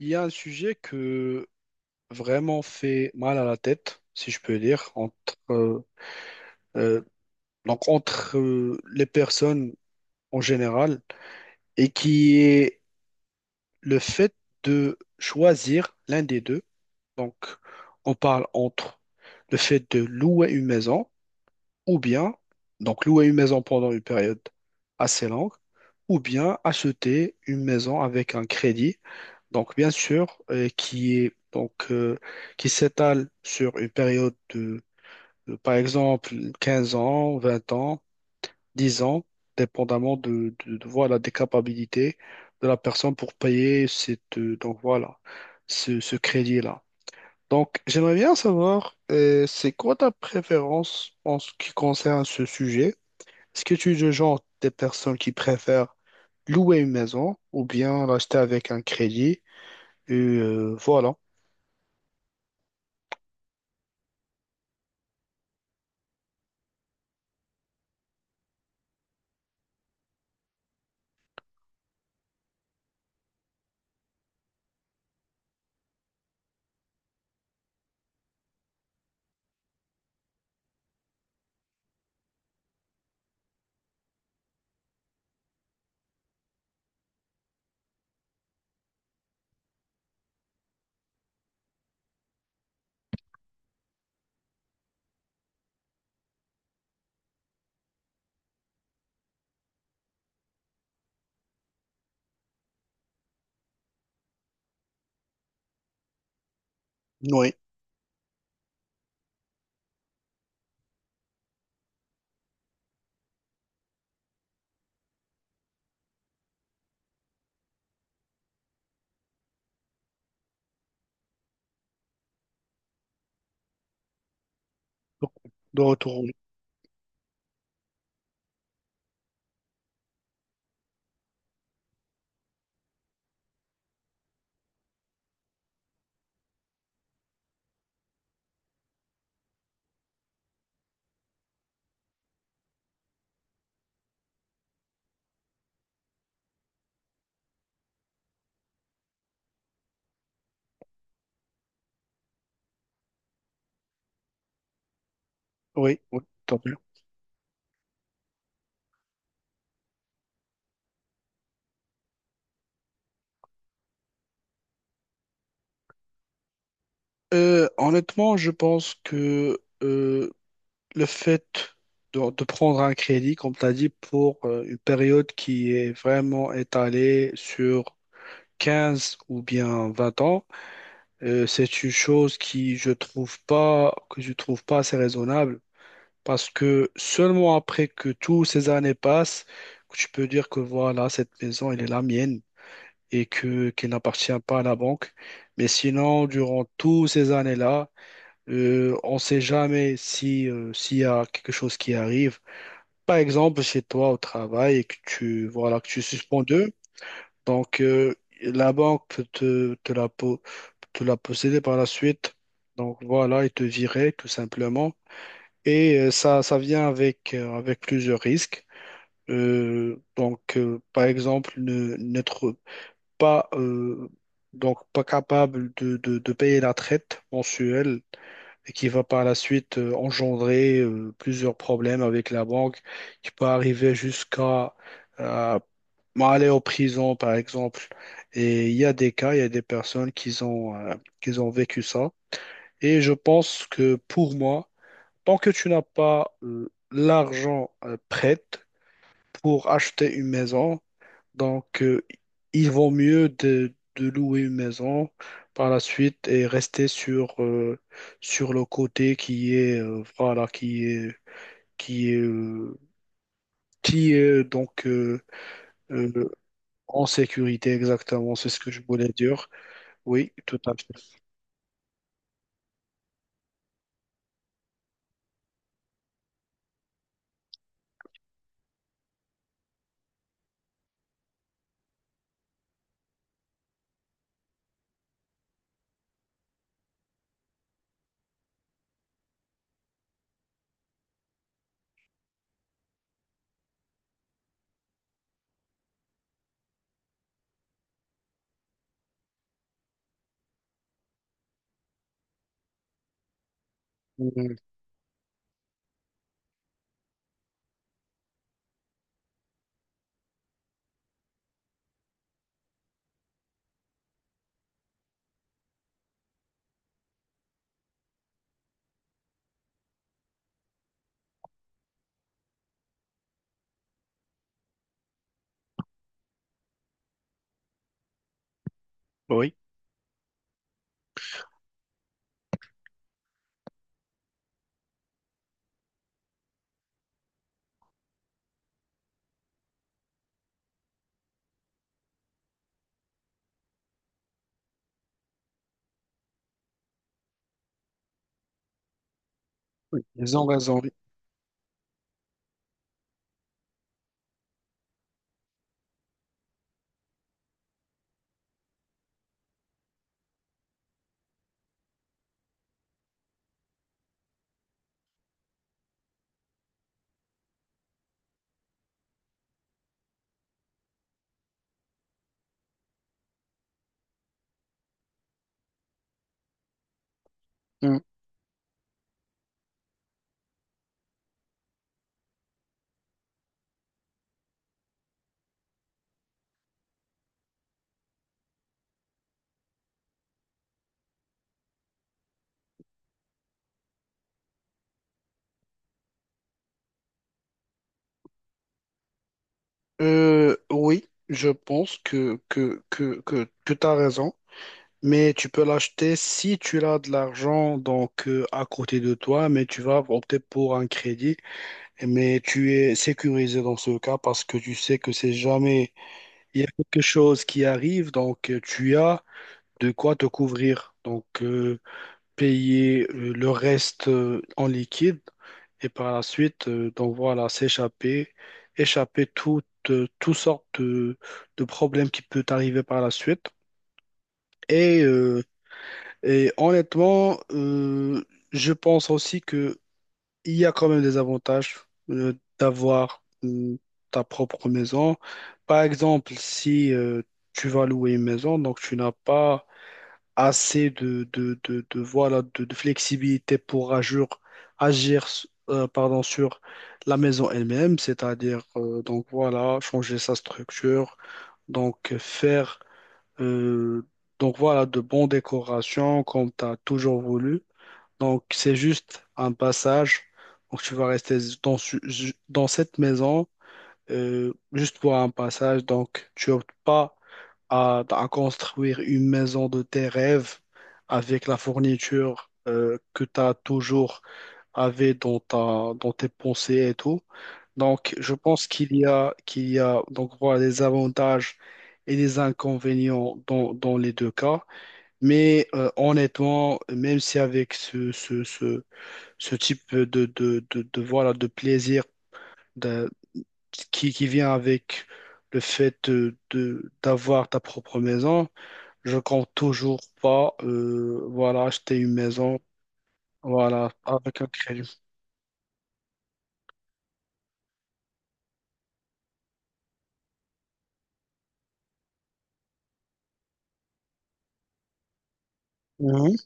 Il y a un sujet que vraiment fait mal à la tête, si je peux dire, euh, euh, entre les personnes en général, et qui est le fait de choisir l'un des deux. Donc, on parle entre le fait de louer une maison ou bien donc louer une maison pendant une période assez longue, ou bien acheter une maison avec un crédit, donc bien sûr, qui est donc qui s'étale sur une période de, par exemple 15 ans, 20 ans, 10 ans, dépendamment de, voilà des capacités de la personne pour payer cette donc voilà ce crédit-là. Donc, j'aimerais bien savoir, c'est quoi ta préférence en ce qui concerne ce sujet? Est-ce que tu es le genre des personnes qui préfèrent louer une maison ou bien l'acheter avec un crédit? Et, voilà. Oui. Donc, de retour. Oui, oui, oui, tant mieux. Honnêtement, je pense que le fait de prendre un crédit, comme tu as dit, pour une période qui est vraiment étalée sur 15 ou bien 20 ans, c'est une chose qui, je trouve pas, que je trouve pas assez raisonnable. Parce que seulement après que toutes ces années passent, que tu peux dire que voilà, cette maison, elle est la mienne et que qu'elle n'appartient pas à la banque. Mais sinon, durant toutes ces années-là, on ne sait jamais si, s'il y a quelque chose qui arrive. Par exemple, chez toi au travail et que tu suspends deux. Donc, la banque peut te la posséder par la suite. Donc, voilà, ils te viraient tout simplement. Et ça vient avec plusieurs risques. Donc, par exemple, n'être pas, euh, pas capable de payer la traite mensuelle et qui va par la suite engendrer plusieurs problèmes avec la banque qui peut arriver jusqu'à euh, aller en prison, par exemple. Et il y a des cas, il y a des personnes qui ont vécu ça. Et je pense que pour moi, tant que tu n'as pas l'argent prêt pour acheter une maison, donc il vaut mieux de louer une maison par la suite et rester sur le côté qui est qui est euh, qui est donc euh, euh, en sécurité exactement, c'est ce que je voulais dire. Oui, tout à fait. Euh, oui, oui, ils ont raison. Oui, je pense que tu as raison, mais tu peux l'acheter si tu as de l'argent donc à côté de toi, mais tu vas opter pour un crédit, mais tu es sécurisé dans ce cas parce que tu sais que c'est jamais, il y a quelque chose qui arrive, donc tu as de quoi te couvrir. Donc, payer le reste en liquide et par la suite, donc voilà, échapper toutes sortes de problèmes qui peuvent arriver par la suite. Et, euh, et honnêtement, je pense aussi que il y a quand même des avantages euh, d'avoir ta propre maison. Par exemple, si tu vas louer une maison, donc tu n'as pas assez de flexibilité pour agir pardon, sur la maison elle-même, c'est-à-dire donc voilà, changer sa structure, donc faire euh, donc voilà, de bonnes décorations comme tu as toujours voulu. Donc c'est juste un passage. Donc tu vas rester dans cette maison juste pour un passage. Donc, tu optes pas à construire une maison de tes rêves avec la fourniture que tu as toujours avait dans tes pensées et tout. Donc, je pense qu'il y a donc, voilà, des avantages et des inconvénients dans les deux cas. Mais honnêtement, même si avec ce type de plaisir, qui vient avec le fait d'avoir ta propre maison. Je compte toujours pas voilà, acheter une maison voilà, avec un crédit. Mhm,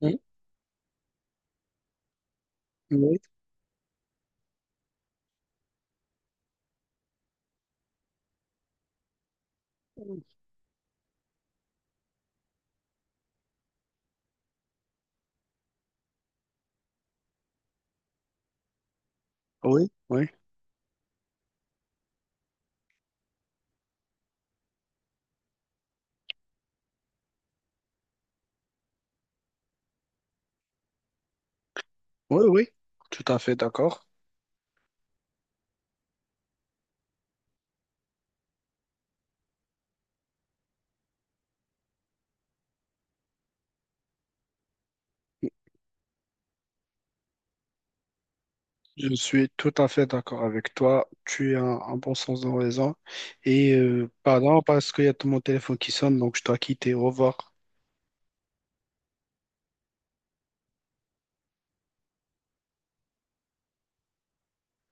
mhm, oui, oui, oui, oui, oui, tout à fait d'accord. Je suis tout à fait d'accord avec toi. Tu as un bon sens de raison. Et pardon, parce qu'il y a tout mon téléphone qui sonne, donc je dois quitter. Au revoir.